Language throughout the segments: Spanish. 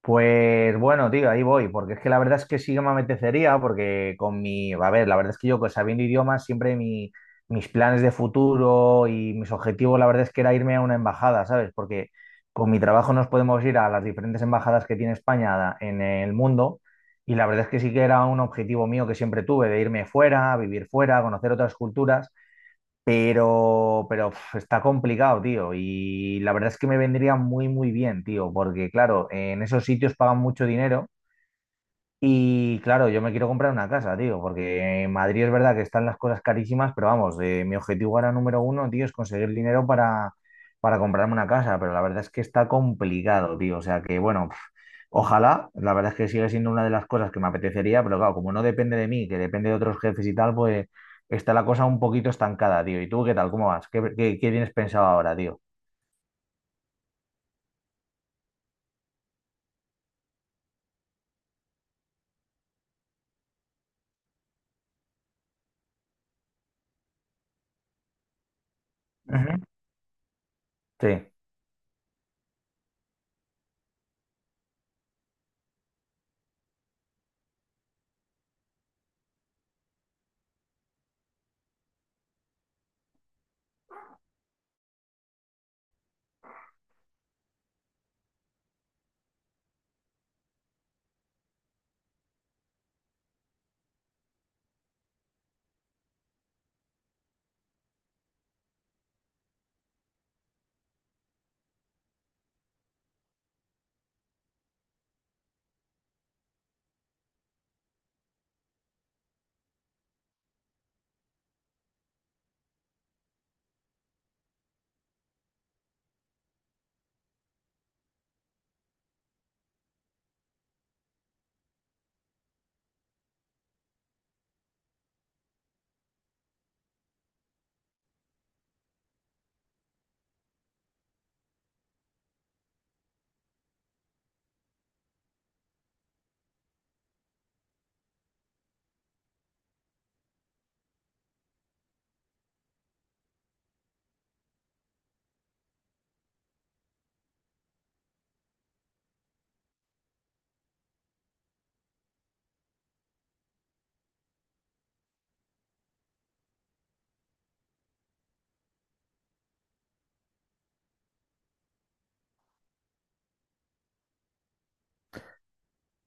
Pues bueno, tío, ahí voy, porque es que la verdad es que sí que me apetecería, porque a ver, la verdad es que yo pues, sabiendo idiomas, siempre mis planes de futuro y mis objetivos, la verdad es que era irme a una embajada, ¿sabes? Porque con mi trabajo nos podemos ir a las diferentes embajadas que tiene España en el mundo y la verdad es que sí que era un objetivo mío que siempre tuve, de irme fuera, vivir fuera, conocer otras culturas. Pero uf, está complicado, tío. Y la verdad es que me vendría muy, muy bien, tío, porque claro, en esos sitios pagan mucho dinero y claro, yo me quiero comprar una casa, tío, porque en Madrid es verdad que están las cosas carísimas, pero vamos, mi objetivo ahora número 1, tío, es conseguir dinero para comprarme una casa, pero la verdad es que está complicado, tío, o sea que bueno, pf, ojalá, la verdad es que sigue siendo una de las cosas que me apetecería, pero claro, como no depende de mí, que depende de otros jefes y tal, pues está la cosa un poquito estancada, tío. ¿Y tú qué tal? ¿Cómo vas? ¿Qué, qué tienes pensado ahora, tío? Ujú. Sí.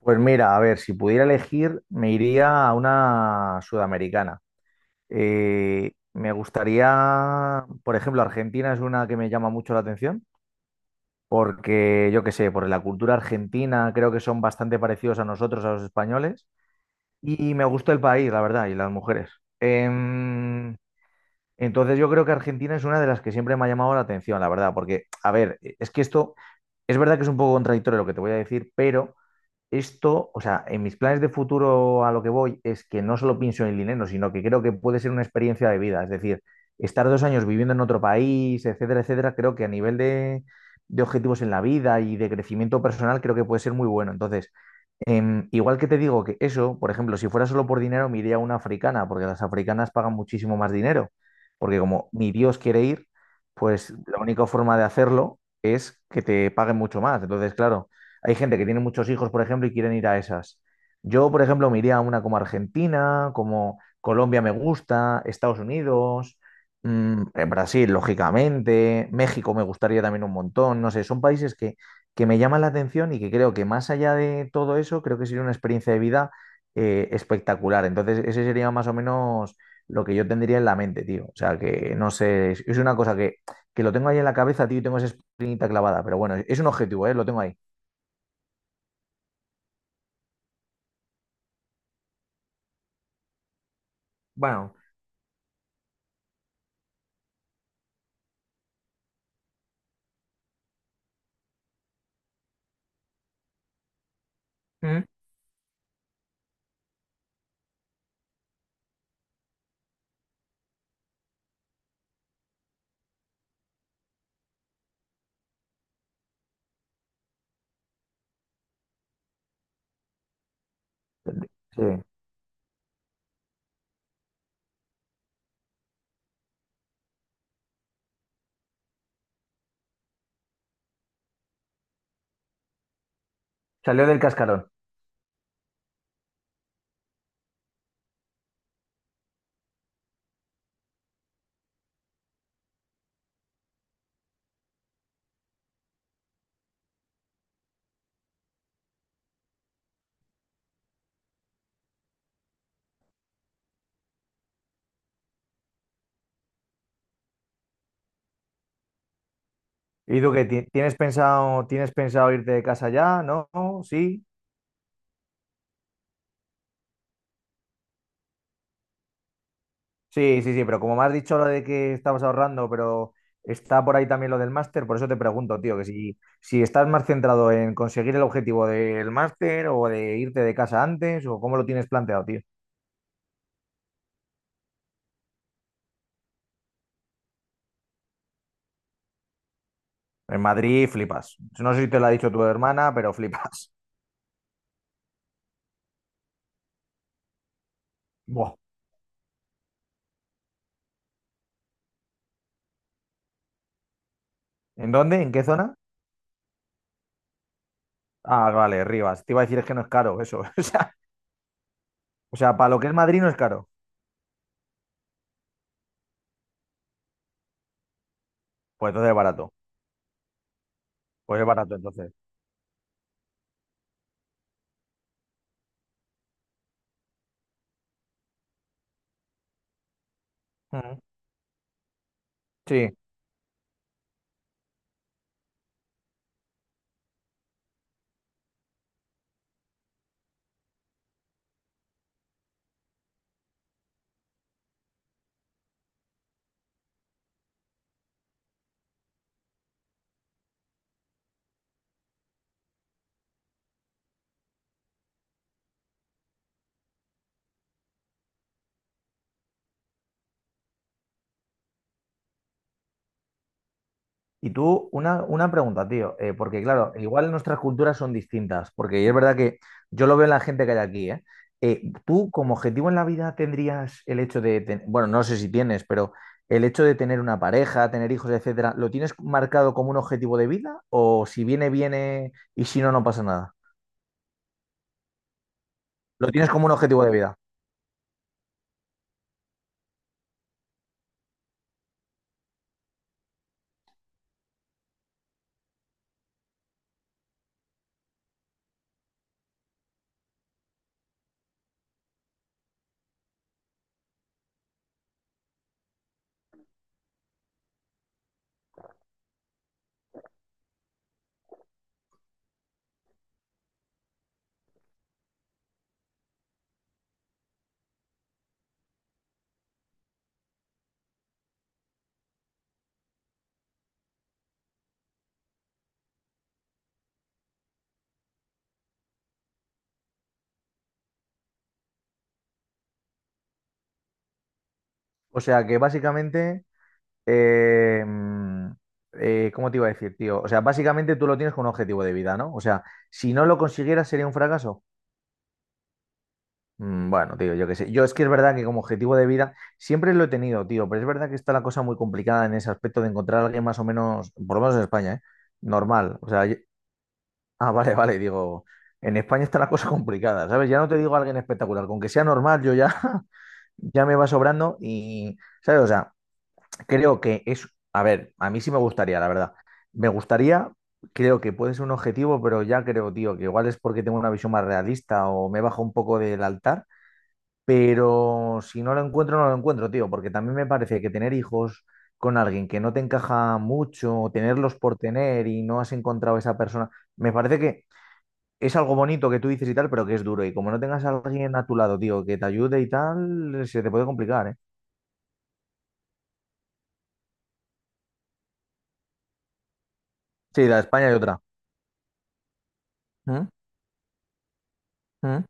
Pues mira, a ver, si pudiera elegir, me iría a una sudamericana. Me gustaría, por ejemplo, Argentina es una que me llama mucho la atención, porque yo qué sé, por la cultura argentina creo que son bastante parecidos a nosotros, a los españoles, y me gusta el país, la verdad, y las mujeres. Em, entonces yo creo que Argentina es una de las que siempre me ha llamado la atención, la verdad, porque, a ver, es que esto es verdad que es un poco contradictorio lo que te voy a decir, pero esto, o sea, en mis planes de futuro a lo que voy es que no solo pienso en el dinero, sino que creo que puede ser una experiencia de vida. Es decir, estar 2 años viviendo en otro país, etcétera, etcétera, creo que a nivel de objetivos en la vida y de crecimiento personal, creo que puede ser muy bueno. Entonces, igual que te digo que eso, por ejemplo, si fuera solo por dinero, me iría a una africana, porque las africanas pagan muchísimo más dinero. Porque como mi Dios quiere ir, pues la única forma de hacerlo es que te paguen mucho más. Entonces, claro. Hay gente que tiene muchos hijos, por ejemplo, y quieren ir a esas. Yo, por ejemplo, me iría a una como Argentina, como Colombia me gusta, Estados Unidos, mm, Brasil, lógicamente, México me gustaría también un montón, no sé, son países que me llaman la atención y que creo que más allá de todo eso, creo que sería una experiencia de vida espectacular. Entonces, ese sería más o menos lo que yo tendría en la mente, tío. O sea, que no sé, es una cosa que lo tengo ahí en la cabeza, tío, y tengo esa espinita clavada, pero bueno, es un objetivo, ¿eh? Lo tengo ahí. Bueno. ¿Mm? Sí, salió del cascarón. ¿Y tú qué? Tienes pensado irte de casa ya? ¿No? ¿Sí? Sí, sí, sí, pero como me has dicho lo de que estabas ahorrando, pero está por ahí también lo del máster, por eso te pregunto, tío, que si, si estás más centrado en conseguir el objetivo del máster o de irte de casa antes, o cómo lo tienes planteado, tío. En Madrid flipas. No sé si te lo ha dicho tu hermana, pero flipas. Buah. ¿En dónde? ¿En qué zona? Ah, vale, Rivas. Te iba a decir es que no es caro eso. O sea, para lo que es Madrid no es caro. Pues entonces es barato. Pues es barato entonces. Ujú. Sí. Y tú, una pregunta, tío, porque claro, igual nuestras culturas son distintas, porque es verdad que yo lo veo en la gente que hay aquí, ¿eh? Tú como objetivo en la vida tendrías el hecho de, bueno, no sé si tienes, pero el hecho de tener una pareja, tener hijos, etcétera, ¿lo tienes marcado como un objetivo de vida? ¿O si viene, viene y si no, no pasa nada? ¿Lo tienes como un objetivo de vida? O sea que básicamente. Eh, mm, ¿Cómo te iba a decir, tío? O sea, básicamente tú lo tienes con un objetivo de vida, ¿no? O sea, si no lo consiguieras sería un fracaso. Bueno, tío, yo qué sé. Yo es que es verdad que como objetivo de vida siempre lo he tenido, tío, pero es verdad que está la cosa muy complicada en ese aspecto de encontrar a alguien más o menos, por lo menos en España, ¿eh? Normal. O sea, yo- ah, vale, vale, digo, en España está la cosa complicada, ¿sabes? Ya no te digo a alguien espectacular, con que sea normal, yo ya, ya me va sobrando y, ¿sabes? O sea, creo que es, a ver, a mí sí me gustaría, la verdad. Me gustaría, creo que puede ser un objetivo, pero ya creo, tío, que igual es porque tengo una visión más realista o me bajo un poco del altar, pero si no lo encuentro, no lo encuentro, tío, porque también me parece que tener hijos con alguien que no te encaja mucho, o tenerlos por tener y no has encontrado esa persona, me parece que es algo bonito que tú dices y tal, pero que es duro. Y como no tengas a alguien a tu lado, tío, que te ayude y tal, se te puede complicar, ¿eh? Sí, la de España y otra. ¿Mm? ¿Mm?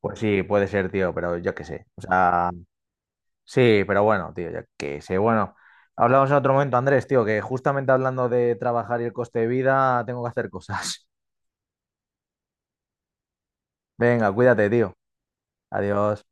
Pues sí, puede ser, tío, pero yo qué sé. O sea, sí, pero bueno, tío, yo qué sé. Bueno, hablamos en otro momento, Andrés, tío, que justamente hablando de trabajar y el coste de vida, tengo que hacer cosas. Venga, cuídate, tío. Adiós.